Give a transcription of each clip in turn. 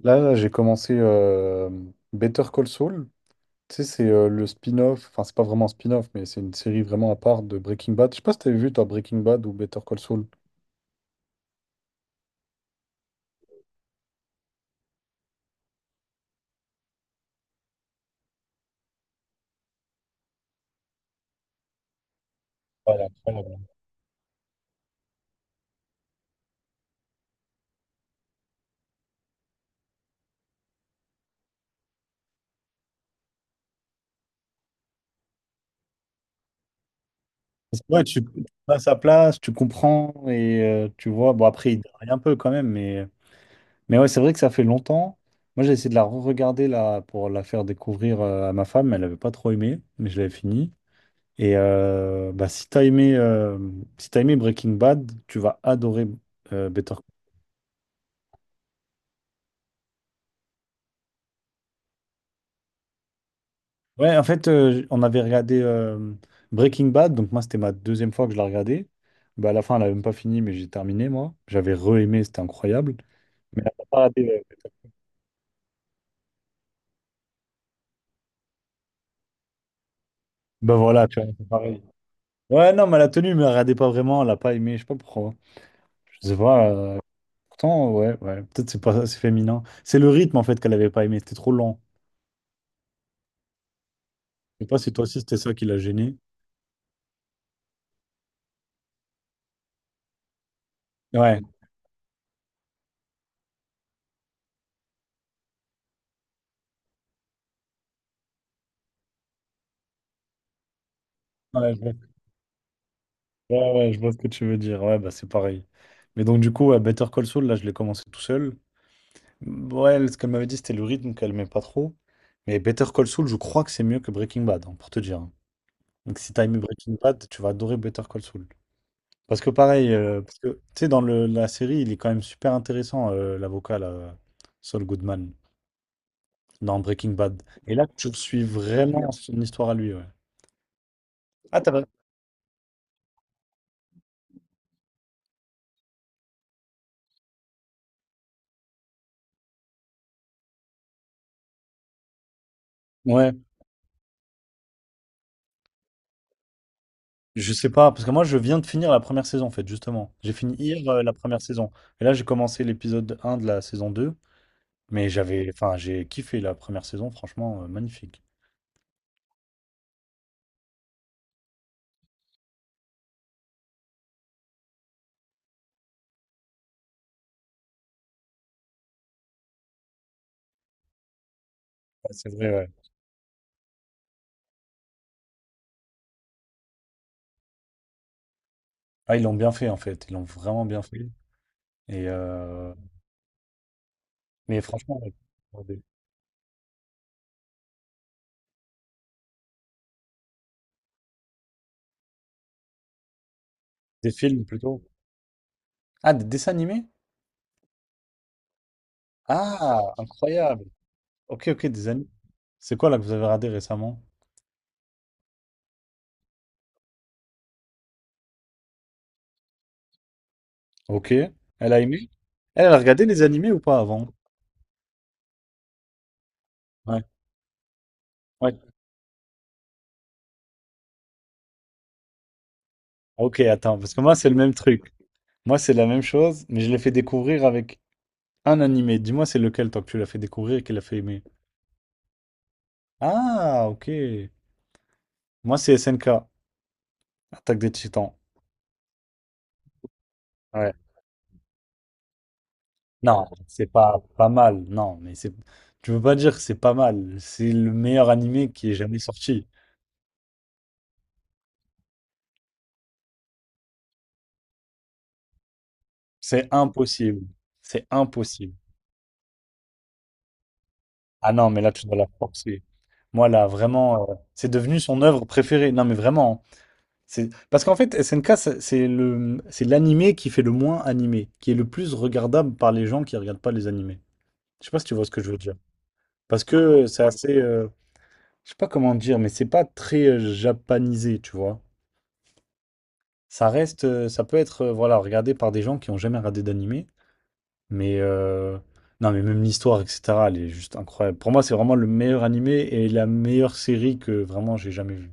Là, j'ai commencé Better Call Saul. Tu sais, c'est le spin-off, enfin, c'est pas vraiment un spin-off, mais c'est une série vraiment à part de Breaking Bad. Je sais pas si t'avais vu, toi, Breaking Bad ou Better Call Saul. Ouais, elle est incroyable. Parce que, ouais, tu passes à place, tu comprends et tu vois. Bon, après, il déraille un peu quand même, mais ouais, c'est vrai que ça fait longtemps. Moi, j'ai essayé de la re-regarder là pour la faire découvrir à ma femme. Elle n'avait pas trop aimé, mais je l'avais fini. Et bah, si t'as aimé Breaking Bad, tu vas adorer Better. Ouais, en fait, on avait regardé Breaking Bad, donc moi, c'était ma deuxième fois que je la regardais. Bah, à la fin, elle n'avait même pas fini, mais j'ai terminé, moi. J'avais re-aimé, c'était incroyable. Mais elle n'a pas raté. Bah voilà, tu vois, c'est pareil. Ouais, non, mais elle a tenu, mais elle regardait pas vraiment, elle n'a pas aimé, je sais pas pourquoi. Je sais pas, pourtant, ouais, ouais, peut-être c'est pas c'est féminin. C'est le rythme, en fait, qu'elle n'avait pas aimé, c'était trop lent. Je sais pas si toi aussi, c'était ça qui l'a gêné. Ouais, ouais, je vois, ouais, ouais, je vois ce que tu veux dire, ouais, bah c'est pareil. Mais donc, du coup, ouais, Better Call Saul, là, je l'ai commencé tout seul. Ouais, ce qu'elle m'avait dit, c'était le rythme qu'elle aimait pas trop. Mais Better Call Saul, je crois que c'est mieux que Breaking Bad, hein, pour te dire. Hein. Donc si t'as aimé Breaking Bad, tu vas adorer Better Call Saul. Parce que pareil, tu sais, dans la série, il est quand même super intéressant, l'avocat, là, Saul Goodman, dans Breaking Bad. Et là, tu le suis vraiment son histoire à lui, ouais. Ah, t'as pas- Ouais, je sais pas, parce que moi, je viens de finir la première saison, en fait, justement. J'ai fini hier, la première saison. Et là, j'ai commencé l'épisode un de la saison 2. Mais enfin, j'ai kiffé la première saison, franchement, magnifique. Ah, c'est vrai, ouais. Ah, ils l'ont bien fait en fait, ils l'ont vraiment bien fait. Et mais franchement, ouais, pour des films plutôt. Ah, des dessins animés? Ah, incroyable. Ok, ok, des animés. C'est quoi là que vous avez regardé récemment? Ok. Elle a aimé? Elle a regardé les animés ou pas avant? Ouais. Ouais. Ok, attends, parce que moi c'est le même truc. Moi c'est la même chose, mais je l'ai fait découvrir avec un animé. Dis-moi c'est lequel toi que tu l'as fait découvrir et qu'elle a fait aimer. Ah, ok. Moi, c'est SNK, Attaque des Titans. Ouais. Non, ah, c'est pas pas mal. Non, mais c'est. Tu veux pas dire que c'est pas mal. C'est le meilleur animé qui est jamais sorti. C'est impossible. C'est impossible. Ah non, mais là, tu dois la forcer. Moi, là, vraiment, c'est devenu son œuvre préférée. Non, mais vraiment. Hein. C'est parce qu'en fait, SNK, c'est l'animé qui fait le moins animé, qui est le plus regardable par les gens qui regardent pas les animés. Je sais pas si tu vois ce que je veux dire. Parce que c'est assez. Je sais pas comment dire, mais c'est pas très japanisé, tu vois. Ça reste, ça peut être, voilà, regardé par des gens qui ont jamais regardé d'animé, mais non, mais même l'histoire, etc., elle est juste incroyable. Pour moi, c'est vraiment le meilleur animé et la meilleure série que vraiment j'ai jamais vue.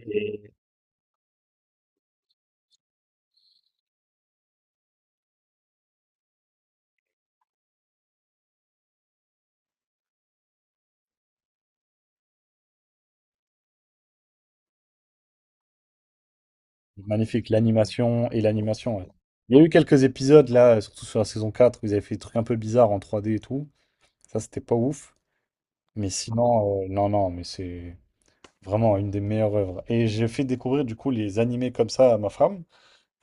Et magnifique, l'animation. Ouais. Il y a eu quelques épisodes là, surtout sur la saison 4, où ils avaient fait des trucs un peu bizarres en 3D et tout. Ça, c'était pas ouf. Mais sinon, non, non, mais c'est vraiment, une des meilleures œuvres. Et j'ai fait découvrir du coup les animés comme ça à ma femme.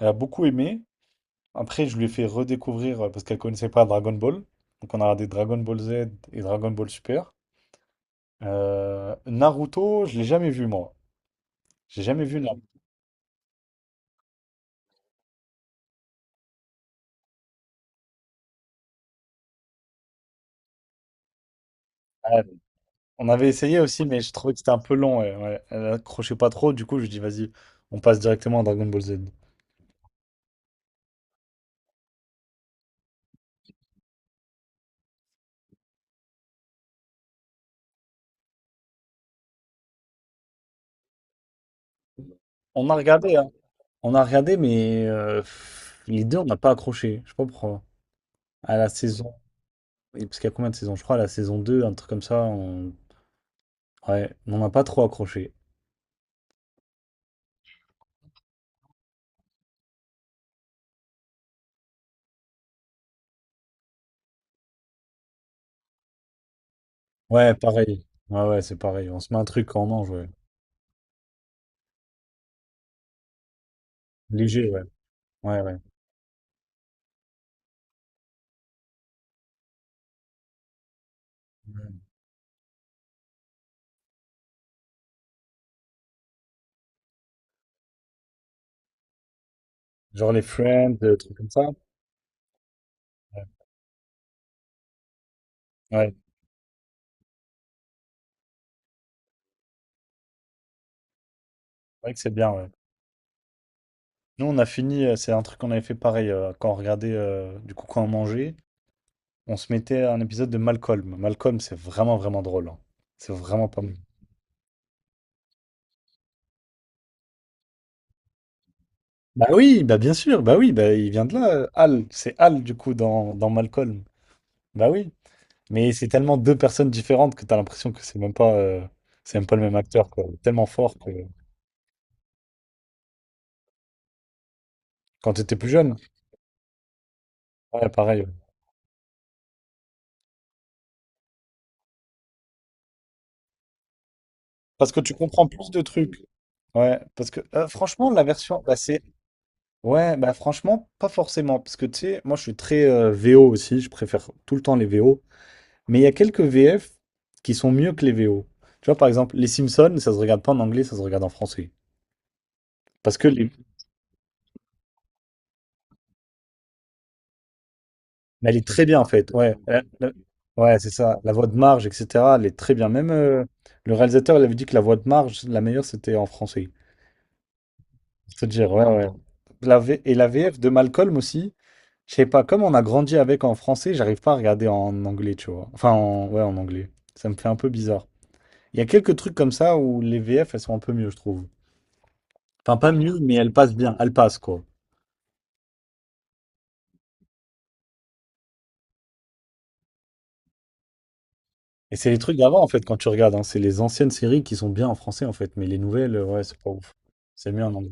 Elle a beaucoup aimé. Après, je lui ai fait redécouvrir, parce qu'elle connaissait pas Dragon Ball. Donc on a regardé Dragon Ball Z et Dragon Ball Super. Naruto, je l'ai jamais vu moi. J'ai jamais vu Naruto. Ouais, on avait essayé aussi, mais je trouvais que c'était un peu long. Ouais, ouais. Elle accrochait pas trop. Du coup, je dis vas-y, on passe directement à Dragon Ball Z. On a regardé, hein. On a regardé, mais les deux, on n'a pas accroché. Je sais pas pourquoi. À la saison Et parce qu'il y a combien de saisons? Je crois la saison 2 un truc comme ça, on... Ouais, on n'a pas trop accroché. Ouais, pareil. Ouais, ouais, c'est pareil. On se met un truc quand on mange, ouais. Léger, ouais. Ouais, ouais. Ouais. Genre les Friends, des trucs comme ça. Ouais, ouais. C'est vrai que c'est bien, ouais. Nous, on a fini, c'est un truc qu'on avait fait pareil, quand on regardait, du coup, quand on mangeait, on se mettait un épisode de Malcolm. Malcolm, c'est vraiment, vraiment drôle. Hein. C'est vraiment pas mal. Bah oui, bah bien sûr, bah oui, bah il vient de là, Hal. C'est Hal, du coup, dans Malcolm. Bah oui. Mais c'est tellement deux personnes différentes que tu as l'impression que c'est même pas le même acteur, quoi. Il est tellement fort que quand tu étais plus jeune, ouais, pareil. Ouais. Parce que tu comprends plus de trucs. Ouais, parce que franchement, la version, bah, c'est, ouais, bah franchement, pas forcément, parce que tu sais, moi je suis très VO aussi, je préfère tout le temps les VO, mais il y a quelques VF qui sont mieux que les VO. Tu vois, par exemple, les Simpsons, ça se regarde pas en anglais, ça se regarde en français. Parce que les, Mais elle est très bien en fait. Ouais, ouais, c'est ça. La voix de Marge, etc. Elle est très bien. Même le réalisateur, il avait dit que la voix de Marge, la meilleure, c'était en français. C'est dire, ouais, ouais. Et la VF de Malcolm aussi. Je sais pas, comme on a grandi avec en français, j'arrive pas à regarder en anglais, tu vois. Enfin, ouais, en anglais. Ça me fait un peu bizarre. Il y a quelques trucs comme ça où les VF, elles sont un peu mieux, je trouve. Enfin, pas mieux, mais elles passent bien. Elles passent, quoi. Et c'est les trucs d'avant, en fait, quand tu regardes. Hein. C'est les anciennes séries qui sont bien en français, en fait. Mais les nouvelles, ouais, c'est pas ouf. C'est mieux en anglais.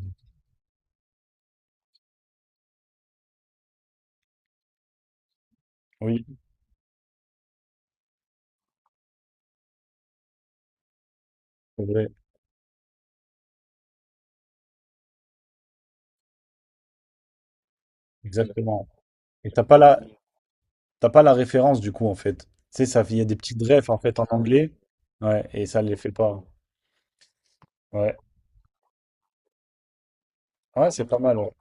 Oui, c'est vrai, exactement. Et t'as pas la, référence du coup en fait. Tu sais, ça, il y a des petites refs en fait en anglais. Ouais, et ça les fait pas. Ouais, ouais, c'est pas mal. Ouais.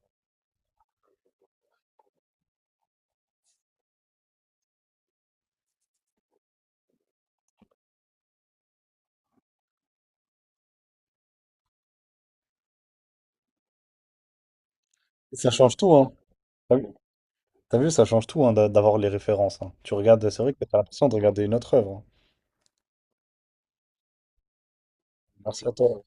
Ça change tout, hein. T'as vu, T'as vu, ça change tout hein, d'avoir les références. Hein. Tu regardes, c'est vrai que t'as l'impression de regarder une autre œuvre. Hein. Merci à toi.